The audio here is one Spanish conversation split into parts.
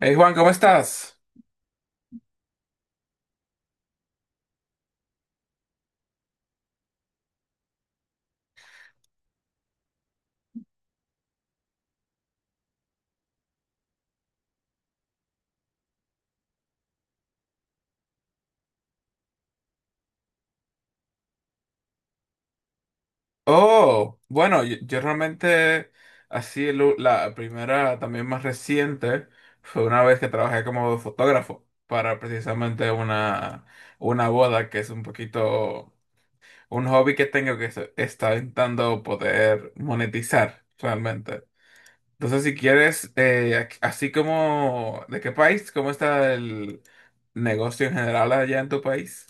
Hey Juan, ¿cómo estás? Oh, bueno, yo realmente, así la primera, también más reciente, fue una vez que trabajé como fotógrafo para precisamente una boda, que es un poquito un hobby que tengo que está intentando poder monetizar realmente. Entonces, si quieres, así como, ¿de qué país? ¿Cómo está el negocio en general allá en tu país?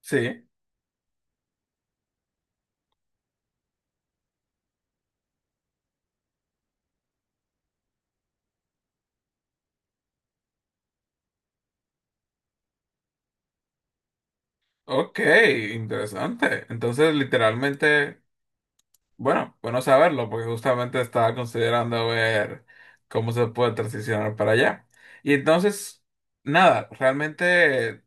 Sí. Ok, interesante. Entonces, literalmente, bueno saberlo, porque justamente estaba considerando ver cómo se puede transicionar para allá. Y entonces, nada, realmente,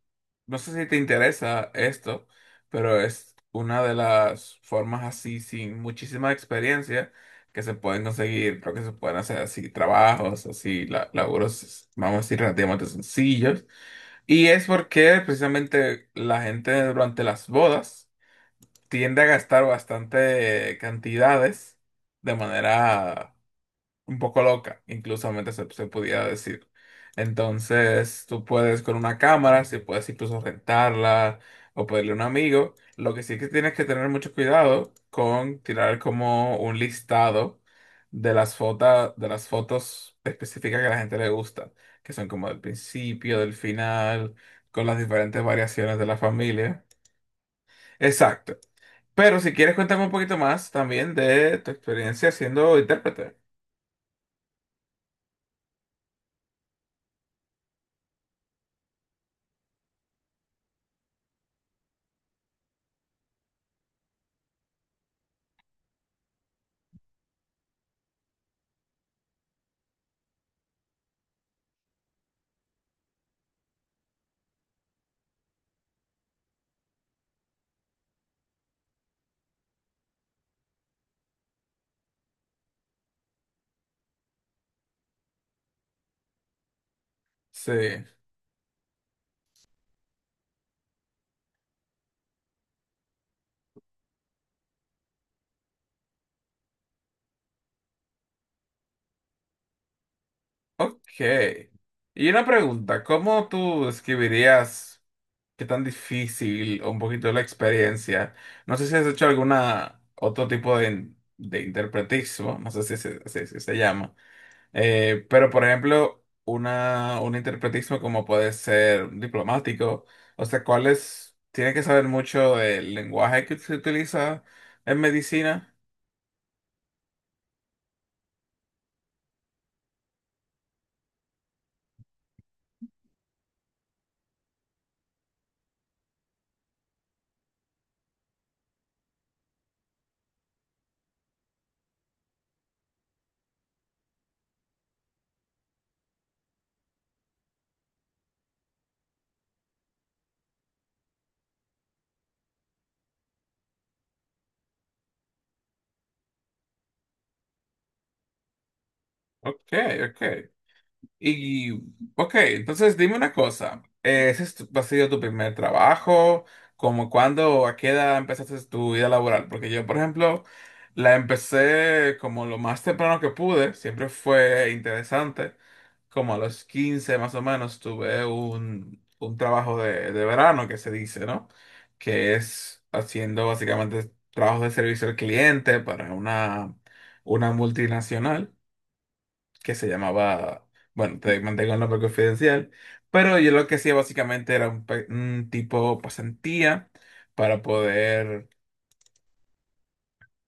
no sé si te interesa esto, pero es una de las formas así, sin muchísima experiencia, que se pueden conseguir, creo que se pueden hacer así trabajos, así laburos, vamos a decir, relativamente sencillos y es porque precisamente la gente durante las bodas tiende a gastar bastante cantidades de manera un poco loca, incluso se pudiera decir. Entonces, tú puedes con una cámara, si puedes incluso rentarla o pedirle a un amigo. Lo que sí que tienes que tener mucho cuidado con tirar como un listado de las fotos específicas que a la gente le gusta, que son como del principio, del final, con las diferentes variaciones de la familia. Exacto. Pero si quieres, cuéntame un poquito más también de tu experiencia siendo intérprete. Sí. Ok. Y una pregunta, ¿cómo tú describirías qué tan difícil o un poquito la experiencia? No sé si has hecho alguna otro tipo de interpretismo, no sé si se llama. Pero por ejemplo, un interpretismo como puede ser un diplomático, o sea, ¿cuáles? Tiene que saber mucho del lenguaje que se utiliza en medicina. Ok, ok. Y, ok, entonces dime una cosa, ¿ese es ha sido tu primer trabajo? ¿Cómo cuándo, a qué edad empezaste tu vida laboral? Porque yo, por ejemplo, la empecé como lo más temprano que pude, siempre fue interesante, como a los 15 más o menos tuve un trabajo de verano que se dice, ¿no? Que es haciendo básicamente trabajos de servicio al cliente para una multinacional que se llamaba, bueno, te mantengo el nombre confidencial, pero yo lo que hacía básicamente era un tipo pasantía para poder,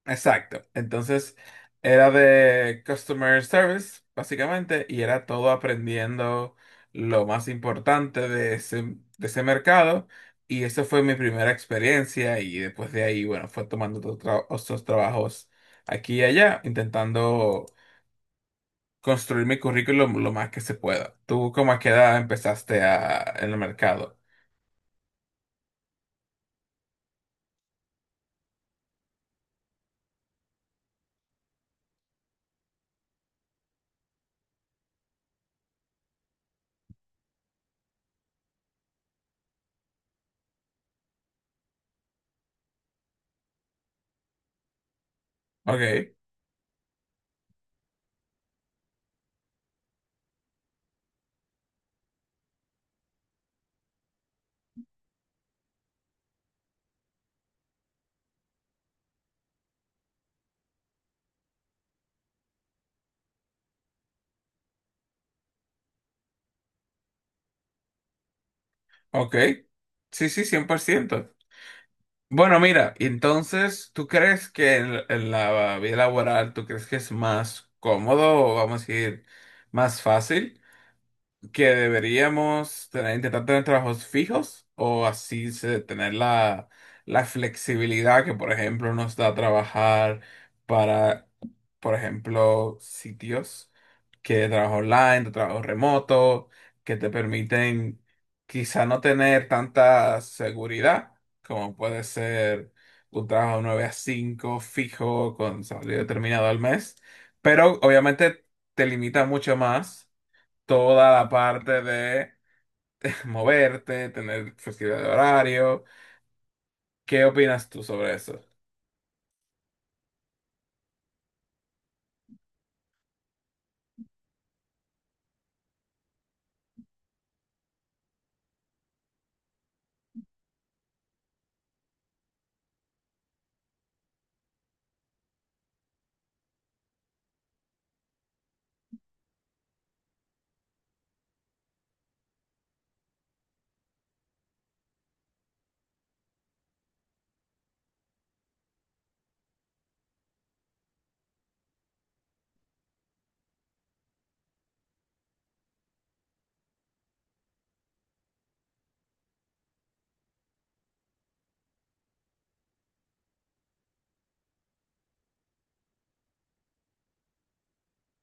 exacto, entonces era de customer service, básicamente, y era todo aprendiendo lo más importante de ese mercado. Y eso fue mi primera experiencia y después de ahí, bueno, fue tomando otros trabajos aquí y allá, intentando construir mi currículum lo más que se pueda. ¿Tú cómo a qué edad empezaste a, en el mercado? Ok, ok. Sí, sí, 100%. Bueno, mira, entonces, ¿tú crees que en la vida laboral, tú crees que es más cómodo o vamos a decir más fácil que deberíamos tener, intentar tener trabajos fijos o así tener la, la flexibilidad que, por ejemplo, nos da trabajar? Para por ejemplo, sitios que de trabajo online, de trabajo remoto, que te permiten quizá no tener tanta seguridad, como puede ser un trabajo 9 a 5 fijo con salario determinado al mes, pero obviamente te limita mucho más toda la parte de moverte, tener flexibilidad de horario. ¿Qué opinas tú sobre eso?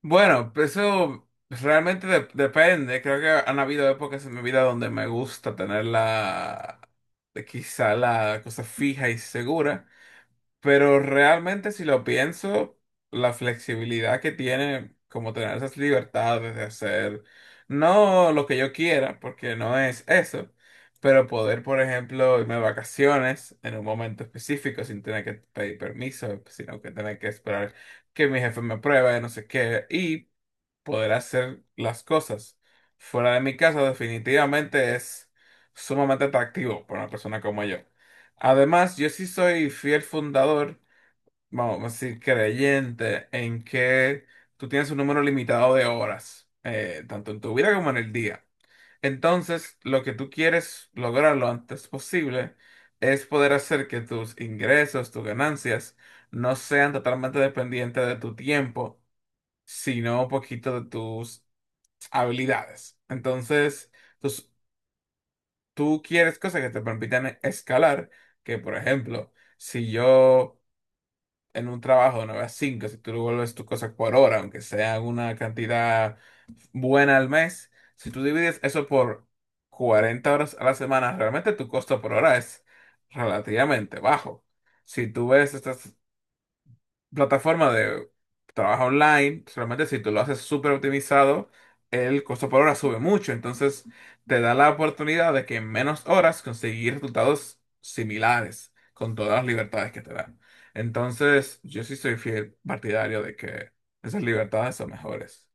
Bueno, pues eso realmente depende. Creo que han habido épocas en mi vida donde me gusta tener la, quizá la cosa fija y segura, pero realmente si lo pienso, la flexibilidad que tiene, como tener esas libertades de hacer, no lo que yo quiera, porque no es eso, pero poder, por ejemplo, irme de vacaciones en un momento específico sin tener que pedir permiso, sino que tener que esperar que mi jefe me apruebe, no sé qué, y poder hacer las cosas. Fuera de mi casa definitivamente es sumamente atractivo para una persona como yo. Además, yo sí soy fiel fundador, vamos a decir, creyente en que tú tienes un número limitado de horas, tanto en tu vida como en el día. Entonces, lo que tú quieres lograr lo antes posible es poder hacer que tus ingresos, tus ganancias, no sean totalmente dependientes de tu tiempo, sino un poquito de tus habilidades. Entonces, tus- tú quieres cosas que te permitan escalar, que por ejemplo, si yo en un trabajo de 9 a 5, si tú devuelves tus cosas por hora, aunque sea una cantidad buena al mes, si tú divides eso por 40 horas a la semana, realmente tu costo por hora es relativamente bajo. Si tú ves estas plataforma de trabajo online, solamente si tú lo haces súper optimizado, el costo por hora sube mucho. Entonces, te da la oportunidad de que en menos horas conseguir resultados similares, con todas las libertades que te dan. Entonces, yo sí soy fiel partidario de que esas libertades son mejores.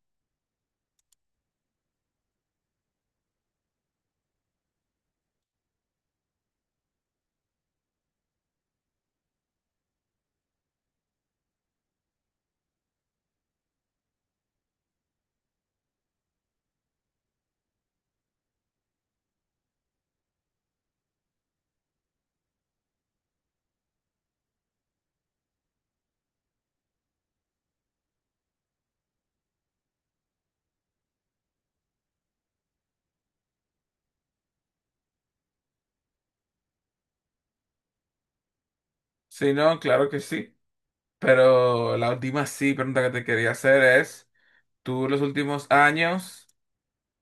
Sí no, claro que sí. Pero la última sí pregunta que te quería hacer es, ¿tú los últimos años?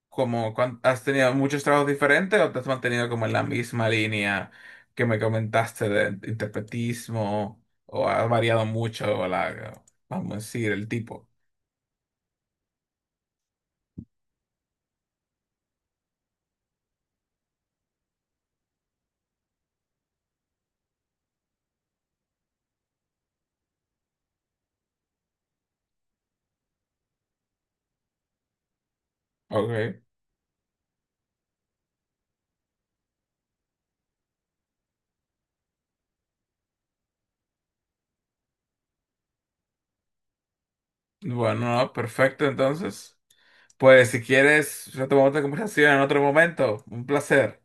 Como has tenido muchos trabajos diferentes o te has mantenido como en la misma línea que me comentaste de interpretismo o has variado mucho la, vamos a decir, ¿el tipo? Ok, bueno, no, perfecto entonces. Pues si quieres, retomamos la conversación en otro momento. Un placer.